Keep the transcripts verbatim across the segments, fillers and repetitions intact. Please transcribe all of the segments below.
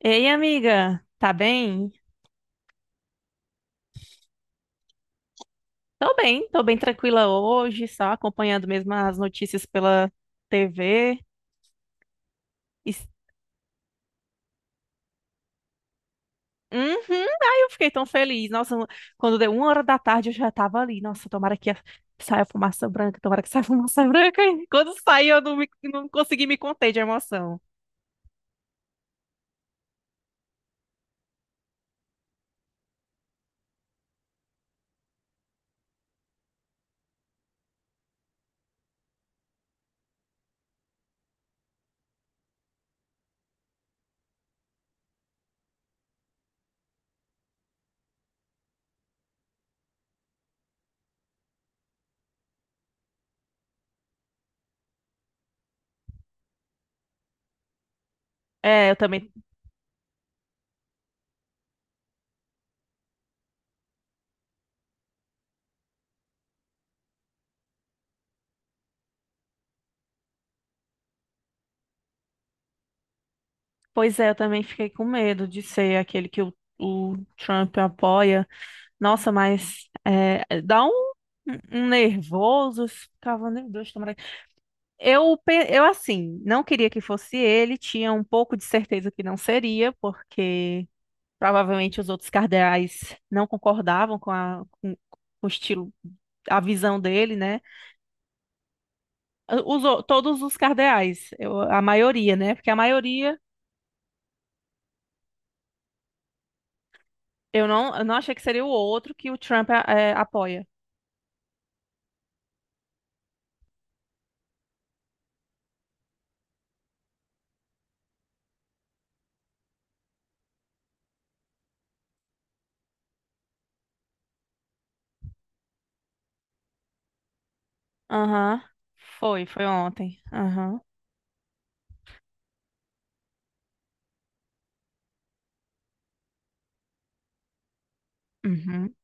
Ei, amiga, tá bem? Tô bem, tô bem tranquila hoje, só acompanhando mesmo as notícias pela tê vê. Es- Uhum, aí eu fiquei tão feliz. Nossa, quando deu uma hora da tarde eu já tava ali. Nossa, tomara que saia fumaça branca, tomara que saia fumaça branca. E quando saiu eu não, me- não consegui me conter de emoção. É, eu também. Pois é, eu também fiquei com medo de ser aquele que o, o Trump apoia. Nossa, mas é, é, dá um, um um nervoso, ficava, meu Deus, tomara. que-" Eu, pe- eu, assim, não queria que fosse ele, tinha um pouco de certeza que não seria, porque provavelmente os outros cardeais não concordavam com, a, com, com o estilo, a visão dele, né? Os, o- todos os cardeais, eu- a maioria, né? Porque a maioria, eu não, eu não achei que seria o outro que o Trump é, apoia. Aham, Foi, foi ontem. Aham, uhum.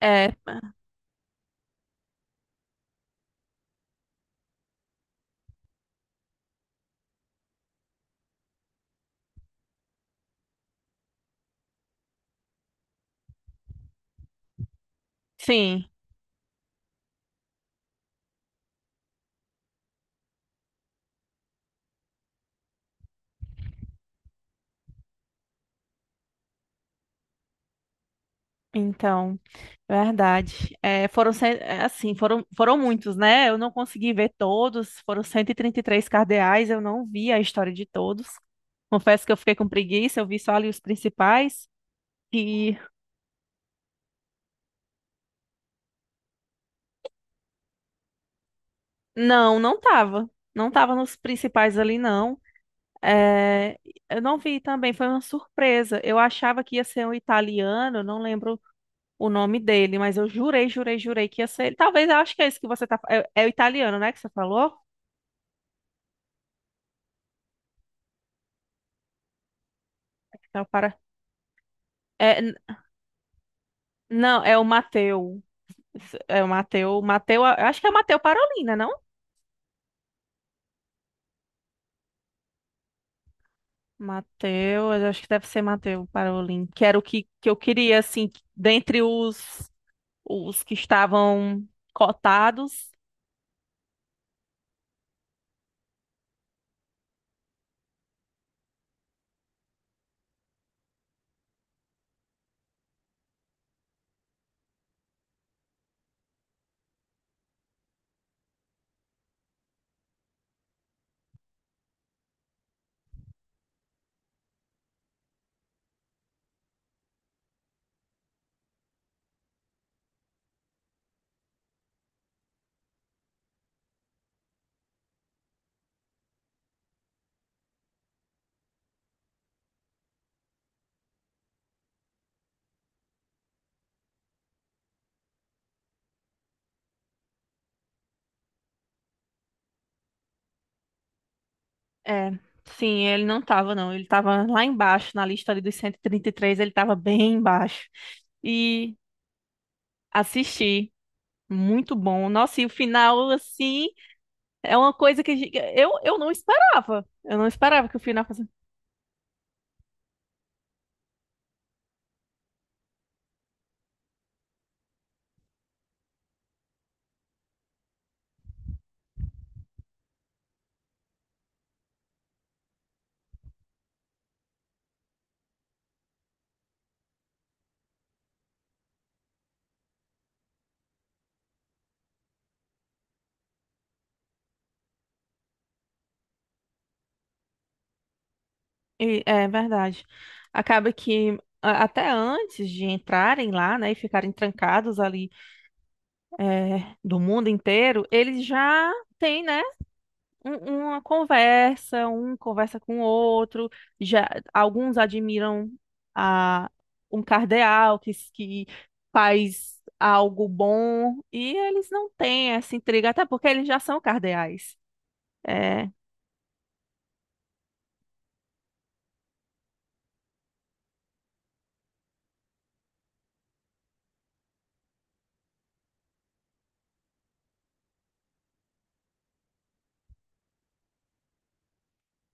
É. Sim, então, verdade. É, foram, cen- é, assim, foram, foram muitos, né? Eu não consegui ver todos, foram cento e e trinta e três cardeais, eu não vi a história de todos. Confesso que eu fiquei com preguiça, eu vi só ali os principais. E não, não tava. Não tava nos principais ali, não. É, eu não vi também, foi uma surpresa. Eu achava que ia ser um italiano, eu não lembro o nome dele, mas eu jurei, jurei, jurei que ia ser ele. Talvez, eu acho que é esse que você tá. É, é o italiano, né, que você falou? É o para... é, n- Não, é o Mateu. É o Mateu. Mateu, eu acho que é o Mateu Parolina, não? Mateu, eu acho que deve ser Mateu Parolin, que era o que, que eu queria, assim, que- dentre os, os que estavam cotados. É, sim, ele não estava, não. Ele estava lá embaixo, na lista ali dos cento e e trinta e três, ele estava bem embaixo. E assisti, muito bom. Nossa, e o final, assim, é uma coisa que a gente- eu, eu não esperava. Eu não esperava que o final E- É verdade. Acaba que a- até antes de entrarem lá, né, e ficarem trancados ali é, do mundo inteiro, eles já têm, né, um- uma conversa, um conversa com o outro. Já alguns admiram a um cardeal que, s- que faz algo bom e eles não têm essa intriga, até porque eles já são cardeais. É,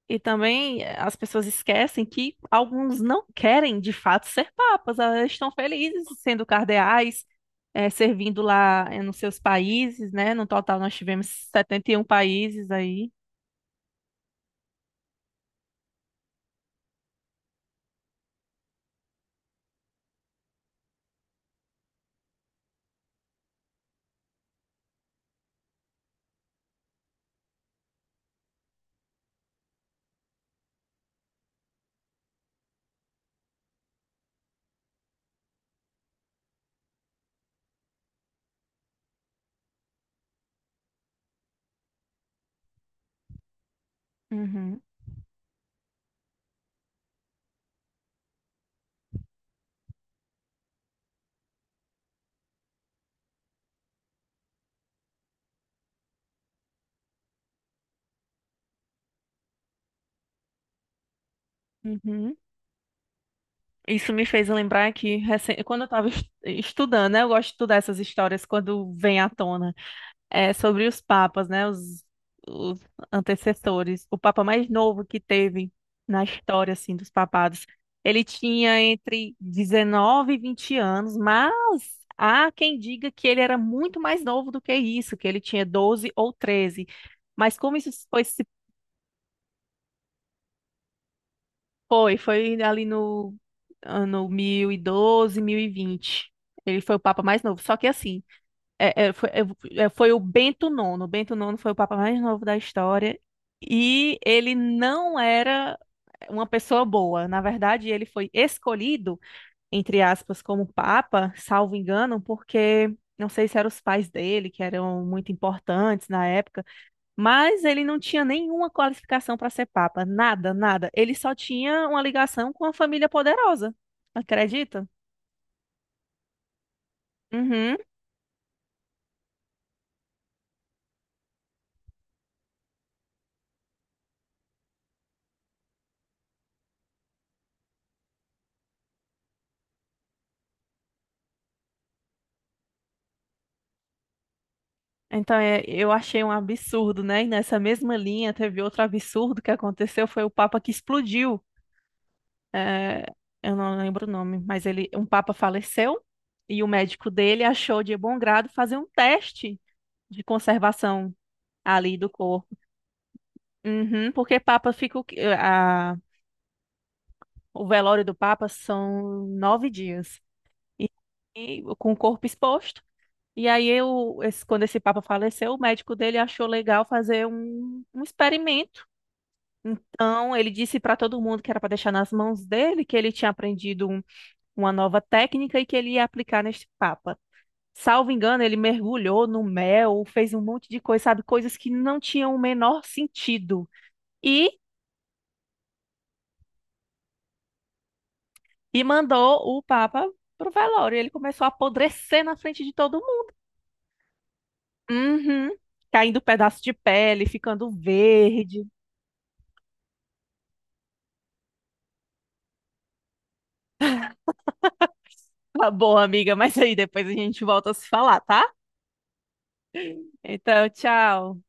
e também eh, as pessoas esquecem que alguns não querem de fato ser papas, elas estão felizes sendo cardeais, eh, servindo lá eh, nos seus países, né? No total nós tivemos setenta e um países aí. Uhum, uhum. Isso me fez lembrar que recen- quando eu estava estudando, né? Eu gosto de estudar essas histórias quando vem à tona. É, sobre os papas, né? Os, os antecessores. O papa mais novo que teve na história, assim, dos papados. Ele tinha entre dezenove e vinte anos, mas há quem diga que ele era muito mais novo do que isso, que ele tinha doze ou treze. Mas como isso foi, se foi, foi ali no ano mil e doze, mil e vinte. Ele foi o papa mais novo. Só que assim, É, é, foi, é, é, foi o Bento Nono. O Bento Nono foi o papa mais novo da história. E ele não era uma pessoa boa. Na verdade, ele foi escolhido, entre aspas, como papa, salvo engano, porque não sei se eram os pais dele, que eram muito importantes na época, mas ele não tinha nenhuma qualificação para ser papa. Nada, nada. Ele só tinha uma ligação com a família poderosa. Acredita? Uhum. Então, é, eu achei um absurdo, né? E nessa mesma linha teve outro absurdo que aconteceu, foi o Papa que explodiu. É, eu não lembro o nome, mas ele, um Papa faleceu e o médico dele achou de bom grado fazer um teste de conservação ali do corpo. Uhum, porque Papa fica, o que- a- o velório do Papa são nove dias e, e com o corpo exposto. E aí, eu, esse- quando esse Papa faleceu, o médico dele achou legal fazer um um experimento. Então, ele disse para todo mundo que era para deixar nas mãos dele, que ele tinha aprendido um- uma nova técnica e que ele ia aplicar neste papa. Salvo engano, ele mergulhou no mel, fez um monte de coisa, sabe, coisas que não tinham o menor sentido. E, e mandou o papa pro velório. Ele começou a apodrecer na frente de todo mundo. Uhum. Caindo pedaço de pele, ficando verde. Tá bom, amiga, mas aí depois a gente volta a se falar, tá? Então, tchau.